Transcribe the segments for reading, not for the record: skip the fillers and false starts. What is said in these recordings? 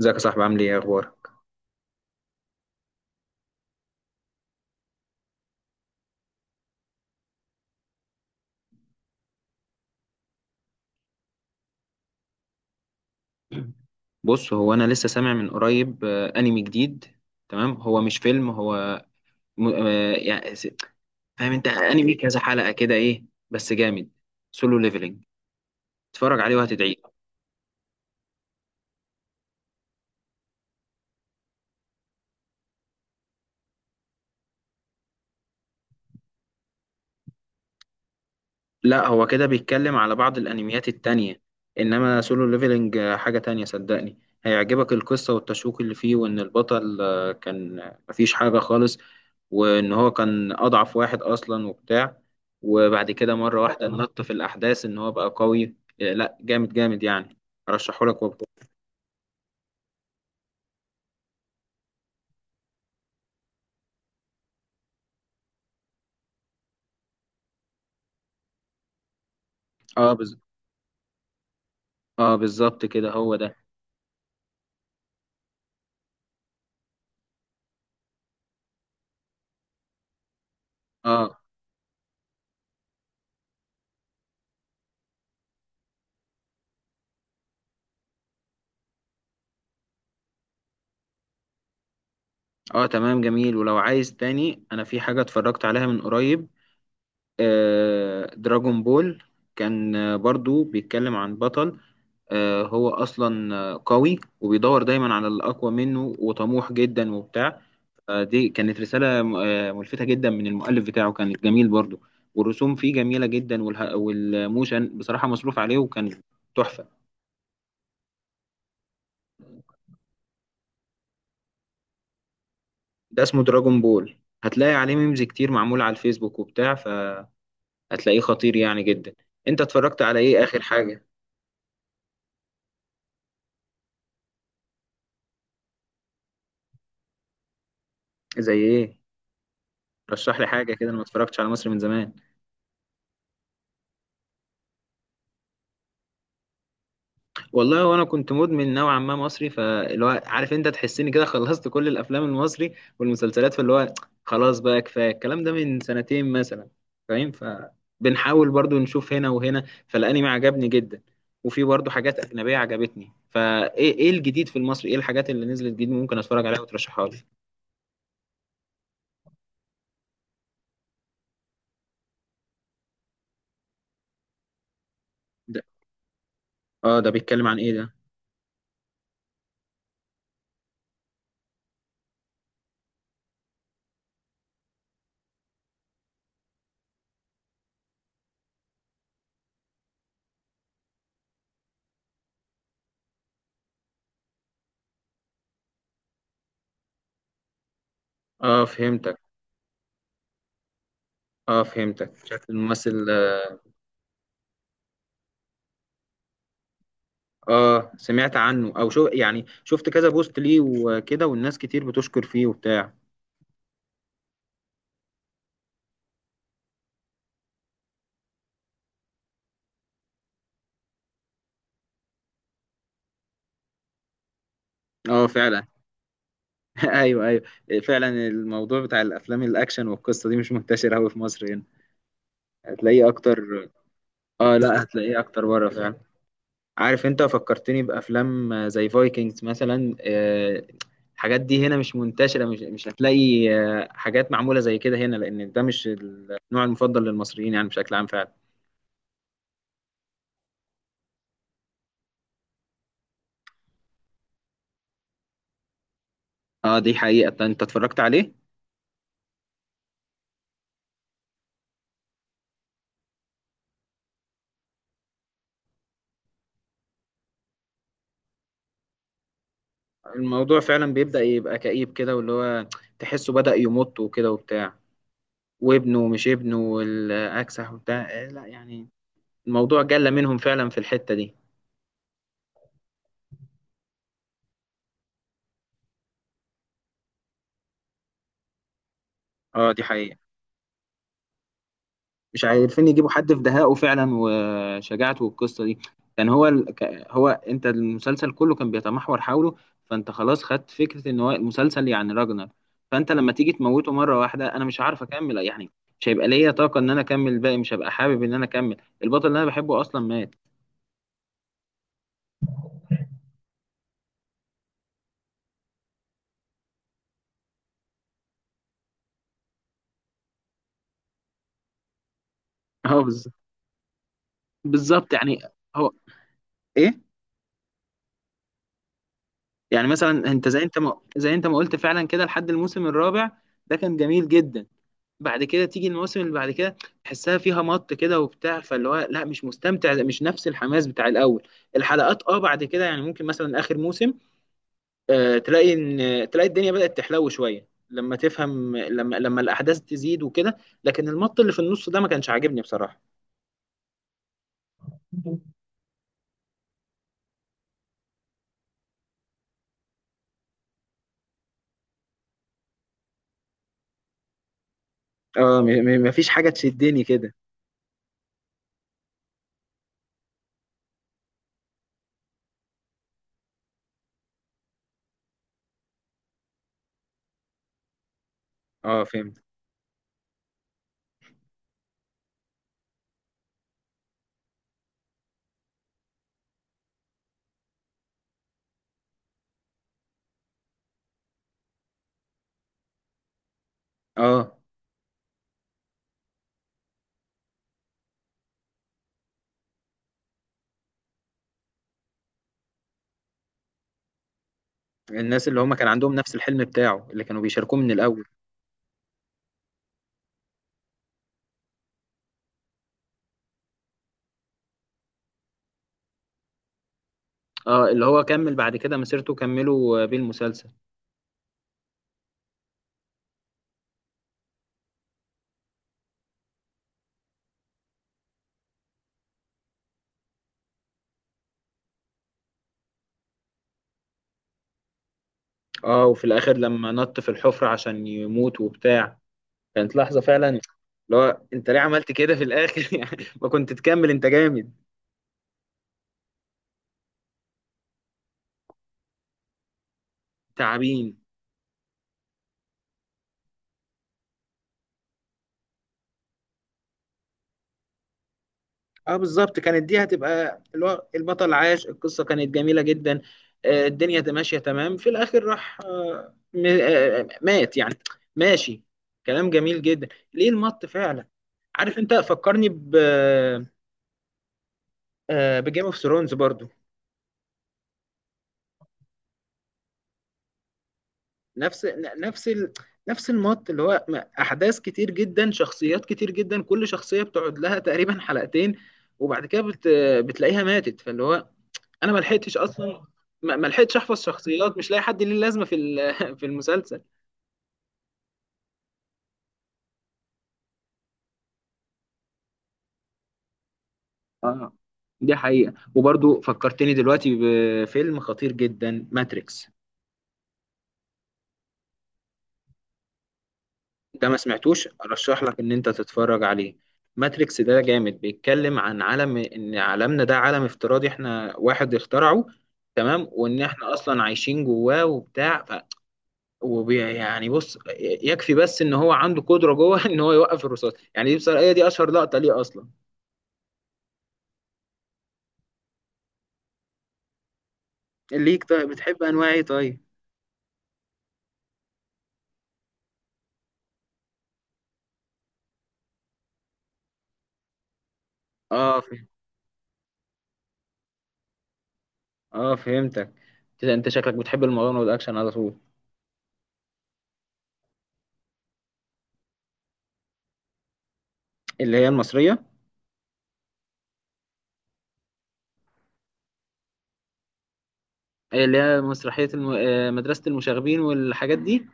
ازيك يا صاحبي؟ عامل ايه؟ اخبارك؟ بص، هو انا لسه سامع من قريب انمي جديد. تمام، هو مش فيلم. هو م... آه، يعني س- فاهم؟ انت انمي كذا حلقة كده ايه، بس جامد. سولو ليفلنج، اتفرج عليه وهتدعي. لا، هو كده بيتكلم على بعض الانميات التانية، انما سولو ليفلنج حاجة تانية. صدقني هيعجبك القصة والتشويق اللي فيه، وان البطل كان مفيش حاجة خالص، وان هو كان اضعف واحد اصلا وبتاع، وبعد كده مرة واحدة نط في الاحداث ان هو بقى قوي. لا، جامد جامد يعني. ارشحهولك وبقى. اه بز... اه، بالظبط كده هو ده. اه، اه تمام، جميل. ولو عايز تاني، انا في حاجة اتفرجت عليها من قريب، دراجون بول. كان برضو بيتكلم عن بطل، هو أصلا قوي، وبيدور دايما على الأقوى منه، وطموح جدا وبتاع. فدي كانت رسالة ملفتة جدا من المؤلف بتاعه، كانت جميل برضو. والرسوم فيه جميلة جدا، والموشن بصراحة مصروف عليه، وكان تحفة. ده اسمه دراجون بول. هتلاقي عليه ميمز كتير معمولة على الفيسبوك وبتاع، فهتلاقيه خطير يعني جدا. انت اتفرجت على ايه آخر حاجة؟ زي ايه؟ رشح لي حاجه كده، انا ما اتفرجتش على مصري من زمان. والله، وانا كنت مدمن نوعا ما مصري، فاللي هو عارف انت تحسني كده خلصت كل الافلام المصري والمسلسلات، فاللي هو خلاص بقى كفايه الكلام ده من سنتين مثلا. فاهم، فبنحاول برضو نشوف هنا وهنا. فالانمي عجبني جدا، وفي برضو حاجات اجنبيه عجبتني. فايه، ايه إيه الجديد في المصري؟ ايه الحاجات اللي نزلت جديد ممكن اتفرج عليها وترشحها لي؟ ده؟ اه، ده بيتكلم عن ايه ده؟ اه، فهمتك. اه، فهمتك شكل الممثل. اه، سمعت عنه او شو يعني، شفت كذا بوست ليه وكده، والناس كتير بتشكر فيه وبتاع. اه، فعلا. ايوه ايوه، فعلا الموضوع بتاع الافلام الاكشن والقصه دي مش منتشر قوي في مصر هنا، هتلاقيه اكتر. اه، لا، هتلاقيه اكتر بره فعلا. عارف، انت فكرتني بافلام زي فايكنجز مثلا. الحاجات دي هنا مش منتشره، مش هتلاقي حاجات معموله زي كده هنا، لان ده مش النوع المفضل للمصريين يعني بشكل عام فعلا. اه، دي حقيقه. انت اتفرجت عليه؟ الموضوع فعلا بيبدأ يبقى كئيب كده، واللي هو تحسه بدأ يمط وكده وبتاع، وابنه ومش ابنه والأكسح وبتاع. لا يعني، الموضوع جل منهم فعلا في الحتة دي. اه، دي حقيقة. مش عارفين يجيبوا حد في دهائه فعلا وشجاعته، والقصة دي كان هو هو انت، المسلسل كله كان بيتمحور حوله. فانت خلاص خدت فكرة ان هو المسلسل يعني راجنر، فانت لما تيجي تموته مرة واحدة انا مش عارف اكمل يعني. مش هيبقى ليا طاقة ان انا اكمل الباقي، مش هبقى حابب ان انا اكمل. البطل اللي انا بحبه اصلا مات. اه بالظ- بالظبط يعني. هو ايه؟ يعني مثلا انت زي انت ما قلت، فعلا كده لحد الموسم الرابع ده كان جميل جدا. بعد كده تيجي الموسم اللي بعد كده، تحسها فيها مط كده وبتاع، فاللي هو لا، مش مستمتع، مش نفس الحماس بتاع الاول الحلقات. اه، بعد كده يعني ممكن مثلا اخر موسم تلاقي ان تلاقي الدنيا بدأت تحلو شويه، لما تفهم، لما الاحداث تزيد وكده. لكن المط اللي في النص ده ما كانش عاجبني بصراحه. اه، مفيش حاجه تشدني كده. اه، فهمت. اه، الناس اللي هم كان عندهم نفس الحلم بتاعه اللي كانوا بيشاركوه من الاول. اه، اللي هو كمل بعد كده مسيرته، كملوا بيه المسلسل. اه، وفي الاخر لما نط في الحفرة عشان يموت وبتاع، كانت لحظة فعلا. اللي هو انت ليه عملت كده في الاخر؟ يعني ما كنت تكمل، انت جامد. تعبين. اه، بالظبط، كانت دي هتبقى اللي هو البطل عاش القصه، كانت جميله جدا. الدنيا ماشيه تمام، في الاخر راح مات يعني. ماشي، كلام جميل جدا. ليه المط فعلا؟ عارف، انت فكرني ب بجيم اوف ثرونز برضو. نفس ن- نفس ال... نفس المط اللي هو احداث كتير جدا، شخصيات كتير جدا، كل شخصيه بتقعد لها تقريبا حلقتين، وبعد كده بتلاقيها ماتت، فاللي هو انا ما لحقتش اصلا. ما لحقتش احفظ شخصيات، مش لاقي حد ليه لازمه في ال- في المسلسل. اه، دي حقيقة. وبرضو فكرتني دلوقتي بفيلم خطير جدا، ماتريكس. ده ما سمعتوش؟ ارشح لك ان انت تتفرج عليه. ماتريكس ده جامد، بيتكلم عن عالم ان عالمنا ده عالم افتراضي، احنا واحد اخترعه تمام، وان احنا اصلا عايشين جواه وبتاع يعني بص، يكفي بس ان هو عنده قدرة جوه ان هو يوقف الرصاص. يعني دي بصراحة هي دي اشهر لقطة ليه اصلا. ليك طيب بتحب انواع ايه طيب؟ اه، فهم. اه، فهمتك. كده انت شكلك بتحب المغامره والاكشن على طول. اللي هي المصريه. اللي هي مسرحيه الم... آه، مدرسه المشاغبين والحاجات دي.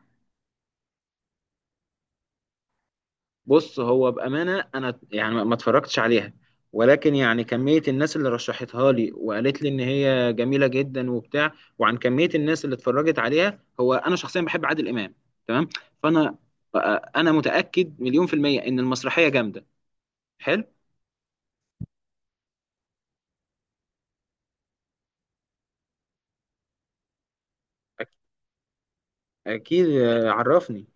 بص، هو بامانه انا يعني ما اتفرجتش عليها، ولكن يعني كميه الناس اللي رشحتها لي وقالت لي ان هي جميله جدا وبتاع، وعن كميه الناس اللي اتفرجت عليها، هو انا شخصيا بحب عادل امام. تمام، فانا انا متاكد 1000000% ان المسرحيه جامده. حلو. أك- اكيد، عرفني.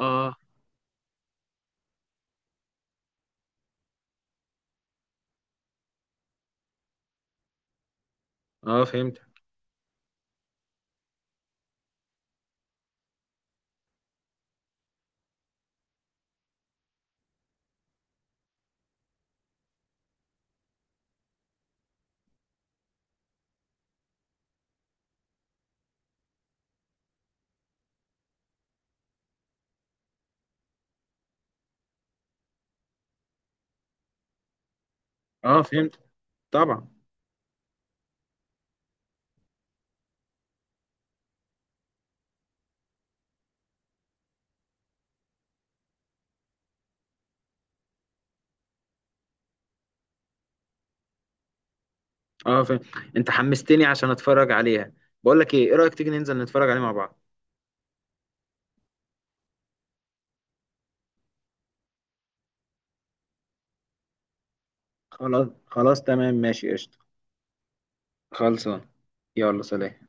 اه، اه فهمت. اه فهمت، طبعا. اه فهمت، انت حمستني عشان اتفرج عليها. بقول لك ايه، ايه رأيك تيجي ننزل نتفرج عليه مع بعض؟ خلاص خلاص تمام، ماشي قشطة. خلصان. يلا، سلام.